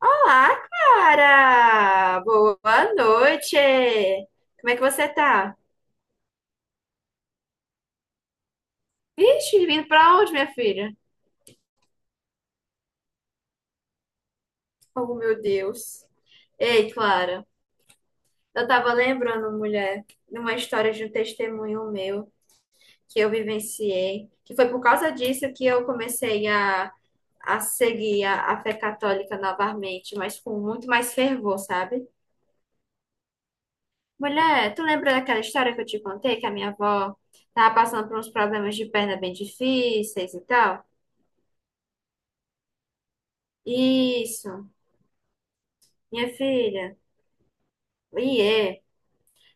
Olá, cara! Boa noite! Como é que você tá? Vixe, vindo pra onde, minha filha? Oh, meu Deus! Ei, Clara, eu tava lembrando, mulher, de uma história de um testemunho meu que eu vivenciei, que foi por causa disso que eu comecei a seguir a fé católica novamente, mas com muito mais fervor, sabe? Mulher, tu lembra daquela história que eu te contei que a minha avó tava passando por uns problemas de perna bem difíceis e tal? Isso, minha filha, iê,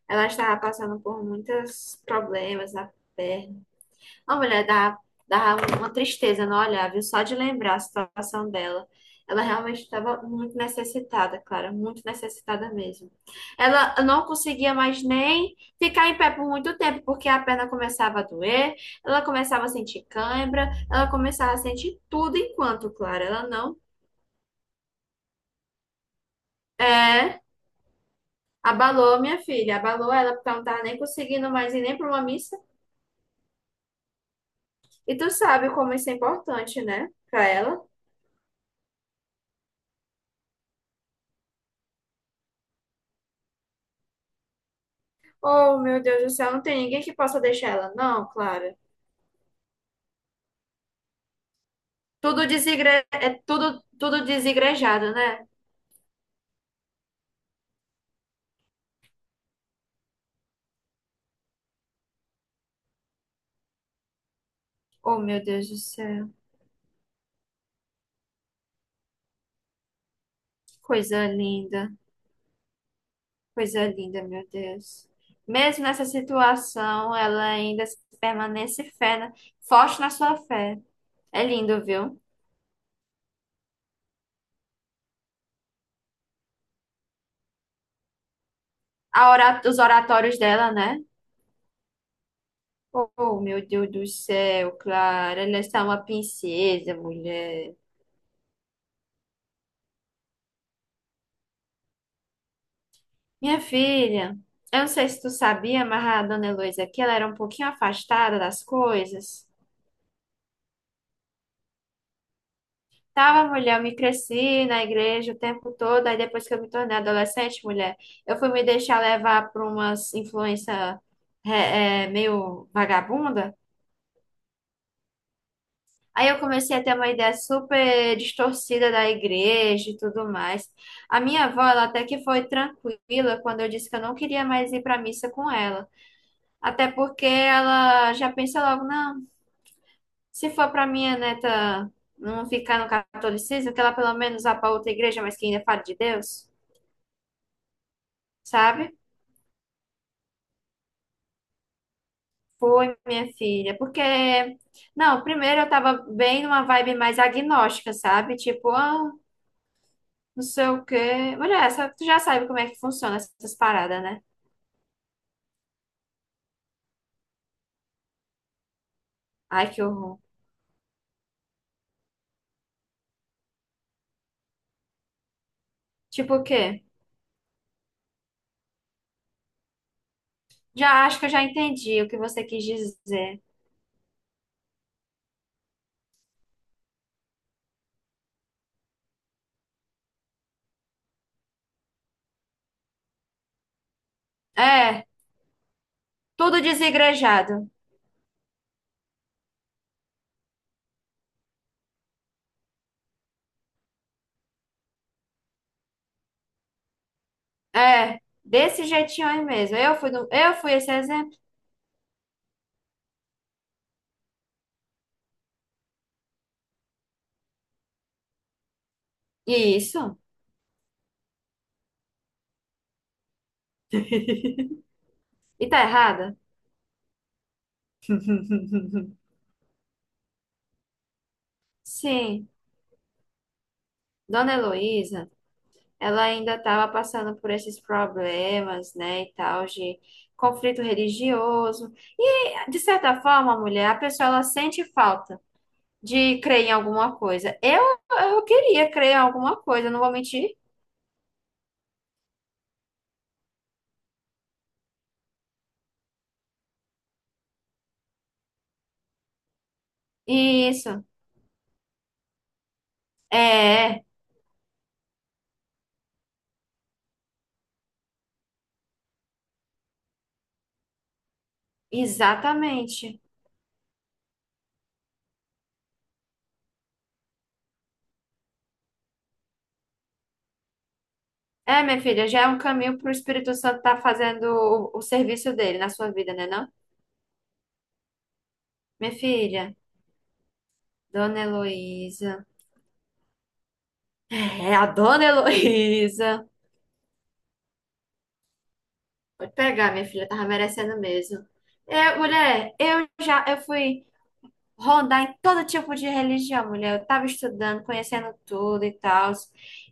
ela estava passando por muitos problemas na perna. A mulher dá uma tristeza no olhar, viu? Só de lembrar a situação dela. Ela realmente estava muito necessitada, Clara, muito necessitada mesmo. Ela não conseguia mais nem ficar em pé por muito tempo, porque a perna começava a doer, ela começava a sentir cãibra, ela começava a sentir tudo enquanto, Clara, ela não. É, abalou minha filha, abalou ela, porque ela não estava nem conseguindo mais ir nem para uma missa. E tu sabe como isso é importante, né, para ela. Oh, meu Deus do céu, não tem ninguém que possa deixar ela, não, Clara. É tudo, tudo desigrejado, né? Oh, meu Deus do céu. Coisa linda, coisa linda, meu Deus. Mesmo nessa situação, ela ainda permanece fé, né? Forte na sua fé. É lindo, viu? Os oratórios dela, né? Oh, meu Deus do céu, Clara, ela está uma princesa, mulher. Minha filha, eu não sei se tu sabia, mas a dona Heloísa aqui, ela era um pouquinho afastada das coisas. Tava mulher, eu me cresci na igreja o tempo todo, aí depois que eu me tornei adolescente, mulher, eu fui me deixar levar por umas influência meio vagabunda. Aí eu comecei a ter uma ideia super distorcida da igreja e tudo mais. A minha avó, ela até que foi tranquila quando eu disse que eu não queria mais ir pra missa com ela. Até porque ela já pensa logo, não. Se for para minha neta não ficar no catolicismo, que ela pelo menos vá para outra igreja, mas que ainda fale de Deus, sabe? Foi, minha filha. Porque, não, primeiro eu tava bem numa vibe mais agnóstica, sabe? Tipo, ah, não sei o quê. Mulher, essa, tu já sabe como é que funciona essas paradas, né? Ai, que horror. Tipo o quê? Já acho que eu já entendi o que você quis dizer. É, tudo desigrejado. É, desse jeitinho aí mesmo. Eu fui, do, eu fui esse exemplo. Isso. E tá errada? Sim, Dona Heloísa, ela ainda estava passando por esses problemas, né, e tal, de conflito religioso. E, de certa forma, mulher, a pessoa ela sente falta de crer em alguma coisa. Eu queria crer em alguma coisa, não vou mentir. Isso, é, exatamente. É, minha filha, já é um caminho para o Espírito Santo estar fazendo o serviço dele na sua vida, né, não? Minha filha, Dona Heloísa. É, a dona Heloísa. Pode pegar, minha filha, tava merecendo mesmo. É, mulher, eu fui rondar em todo tipo de religião, mulher. Eu tava estudando, conhecendo tudo e tal.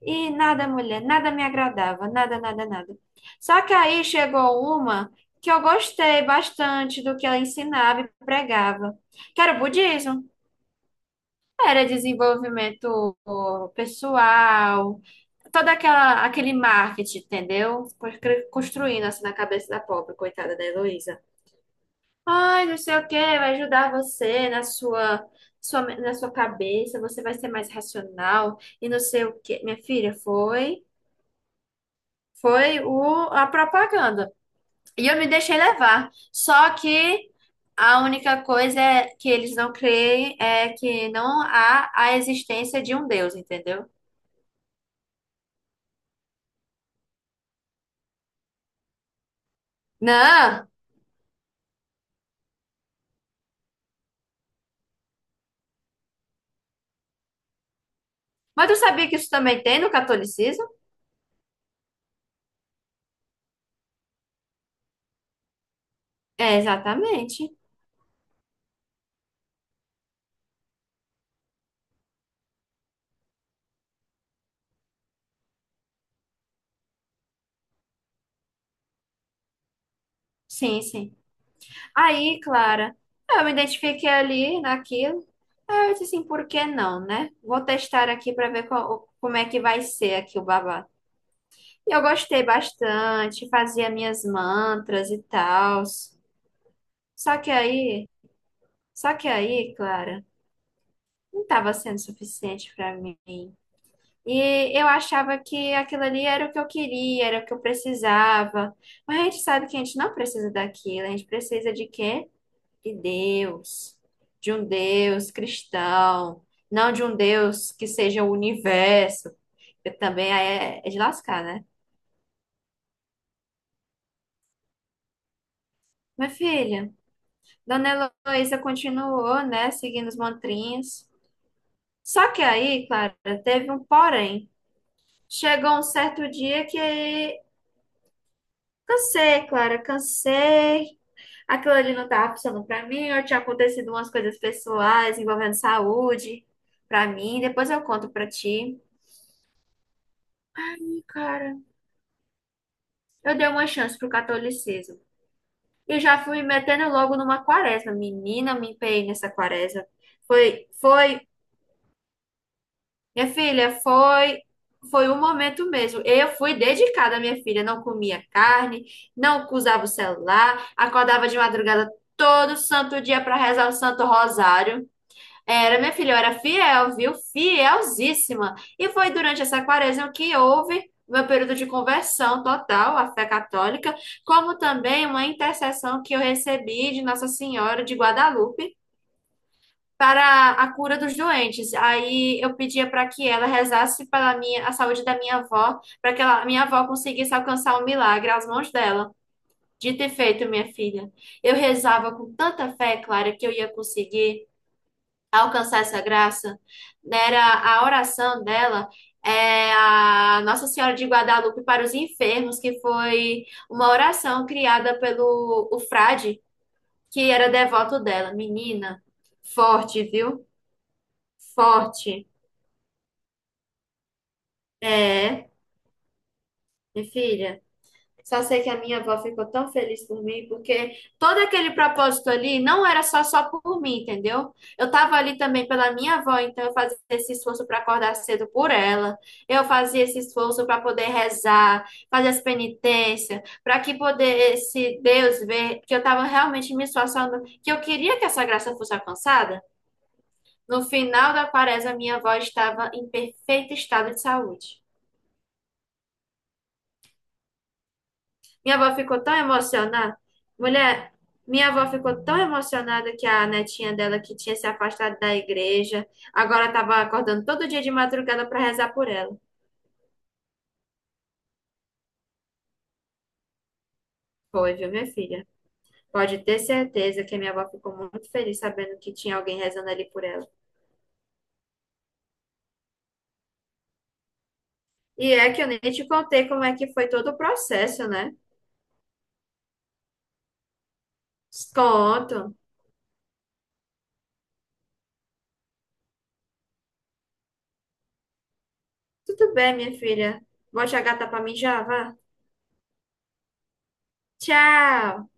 E nada, mulher, nada me agradava, nada, nada, nada. Só que aí chegou uma que eu gostei bastante do que ela ensinava e pregava, que era o budismo. Era desenvolvimento pessoal, toda aquela aquele marketing, entendeu? Construindo assim na cabeça da pobre, coitada da Heloísa. Ai, não sei o que, vai ajudar você na sua, na sua cabeça, você vai ser mais racional e não sei o que. Minha filha, foi a propaganda. E eu me deixei levar. Só que a única coisa é que eles não creem é que não há a existência de um Deus, entendeu? Não, mas tu sabia que isso também tem no catolicismo? É, exatamente. Sim, sim. Aí, Clara, eu me identifiquei ali naquilo. Aí eu disse assim, por que não, né? Vou testar aqui para ver como é que vai ser aqui o babado. E eu gostei bastante, fazia minhas mantras e tal. Só que aí, só que aí, Clara, não estava sendo suficiente para mim. E eu achava que aquilo ali era o que eu queria, era o que eu precisava. Mas a gente sabe que a gente não precisa daquilo, a gente precisa de quê? De Deus, de um Deus cristão, não de um Deus que seja o universo, que também é de lascar, né? Minha filha, Dona Heloísa continuou, né, seguindo os mantrinhos. Só que aí, Clara, teve um porém. Chegou um certo dia que cansei, Clara, cansei. Aquilo ali não tava funcionando pra mim. Eu tinha acontecido umas coisas pessoais envolvendo saúde pra mim. Depois eu conto pra ti. Ai, cara, eu dei uma chance pro catolicismo. E já fui metendo logo numa quaresma. Menina, me empenhei nessa quaresma. Foi, foi Minha filha, foi foi um momento mesmo. Eu fui dedicada à minha filha, não comia carne, não usava o celular, acordava de madrugada todo santo dia para rezar o Santo Rosário. Era, minha filha, eu era fiel, viu? Fielzíssima. E foi durante essa quaresma que houve meu período de conversão total à fé católica, como também uma intercessão que eu recebi de Nossa Senhora de Guadalupe para a cura dos doentes. Aí eu pedia para que ela rezasse pela minha, a saúde da minha avó, para que ela, minha avó conseguisse alcançar o milagre às mãos dela. Dito e feito, minha filha. Eu rezava com tanta fé, Clara, que eu ia conseguir alcançar essa graça. Era a oração dela. É a Nossa Senhora de Guadalupe para os enfermos, que foi uma oração criada pelo o frade, que era devoto dela. Menina, forte, viu? Forte. É, minha filha. Só sei que a minha avó ficou tão feliz por mim, porque todo aquele propósito ali não era só por mim, entendeu? Eu tava ali também pela minha avó, então eu fazia esse esforço para acordar cedo por ela. Eu fazia esse esforço para poder rezar, fazer as penitências, para que poder esse Deus ver que eu tava realmente me esforçando, que eu queria que essa graça fosse alcançada. No final da quaresma, minha avó estava em perfeito estado de saúde. Minha avó ficou tão emocionada. Mulher, minha avó ficou tão emocionada que a netinha dela, que tinha se afastado da igreja, agora estava acordando todo dia de madrugada para rezar por ela. Foi, viu, minha filha? Pode ter certeza que a minha avó ficou muito feliz sabendo que tinha alguém rezando ali por ela. E é que eu nem te contei como é que foi todo o processo, né? Conto. Tudo bem, minha filha. Bote a gata pra mim já, vá. Tchau!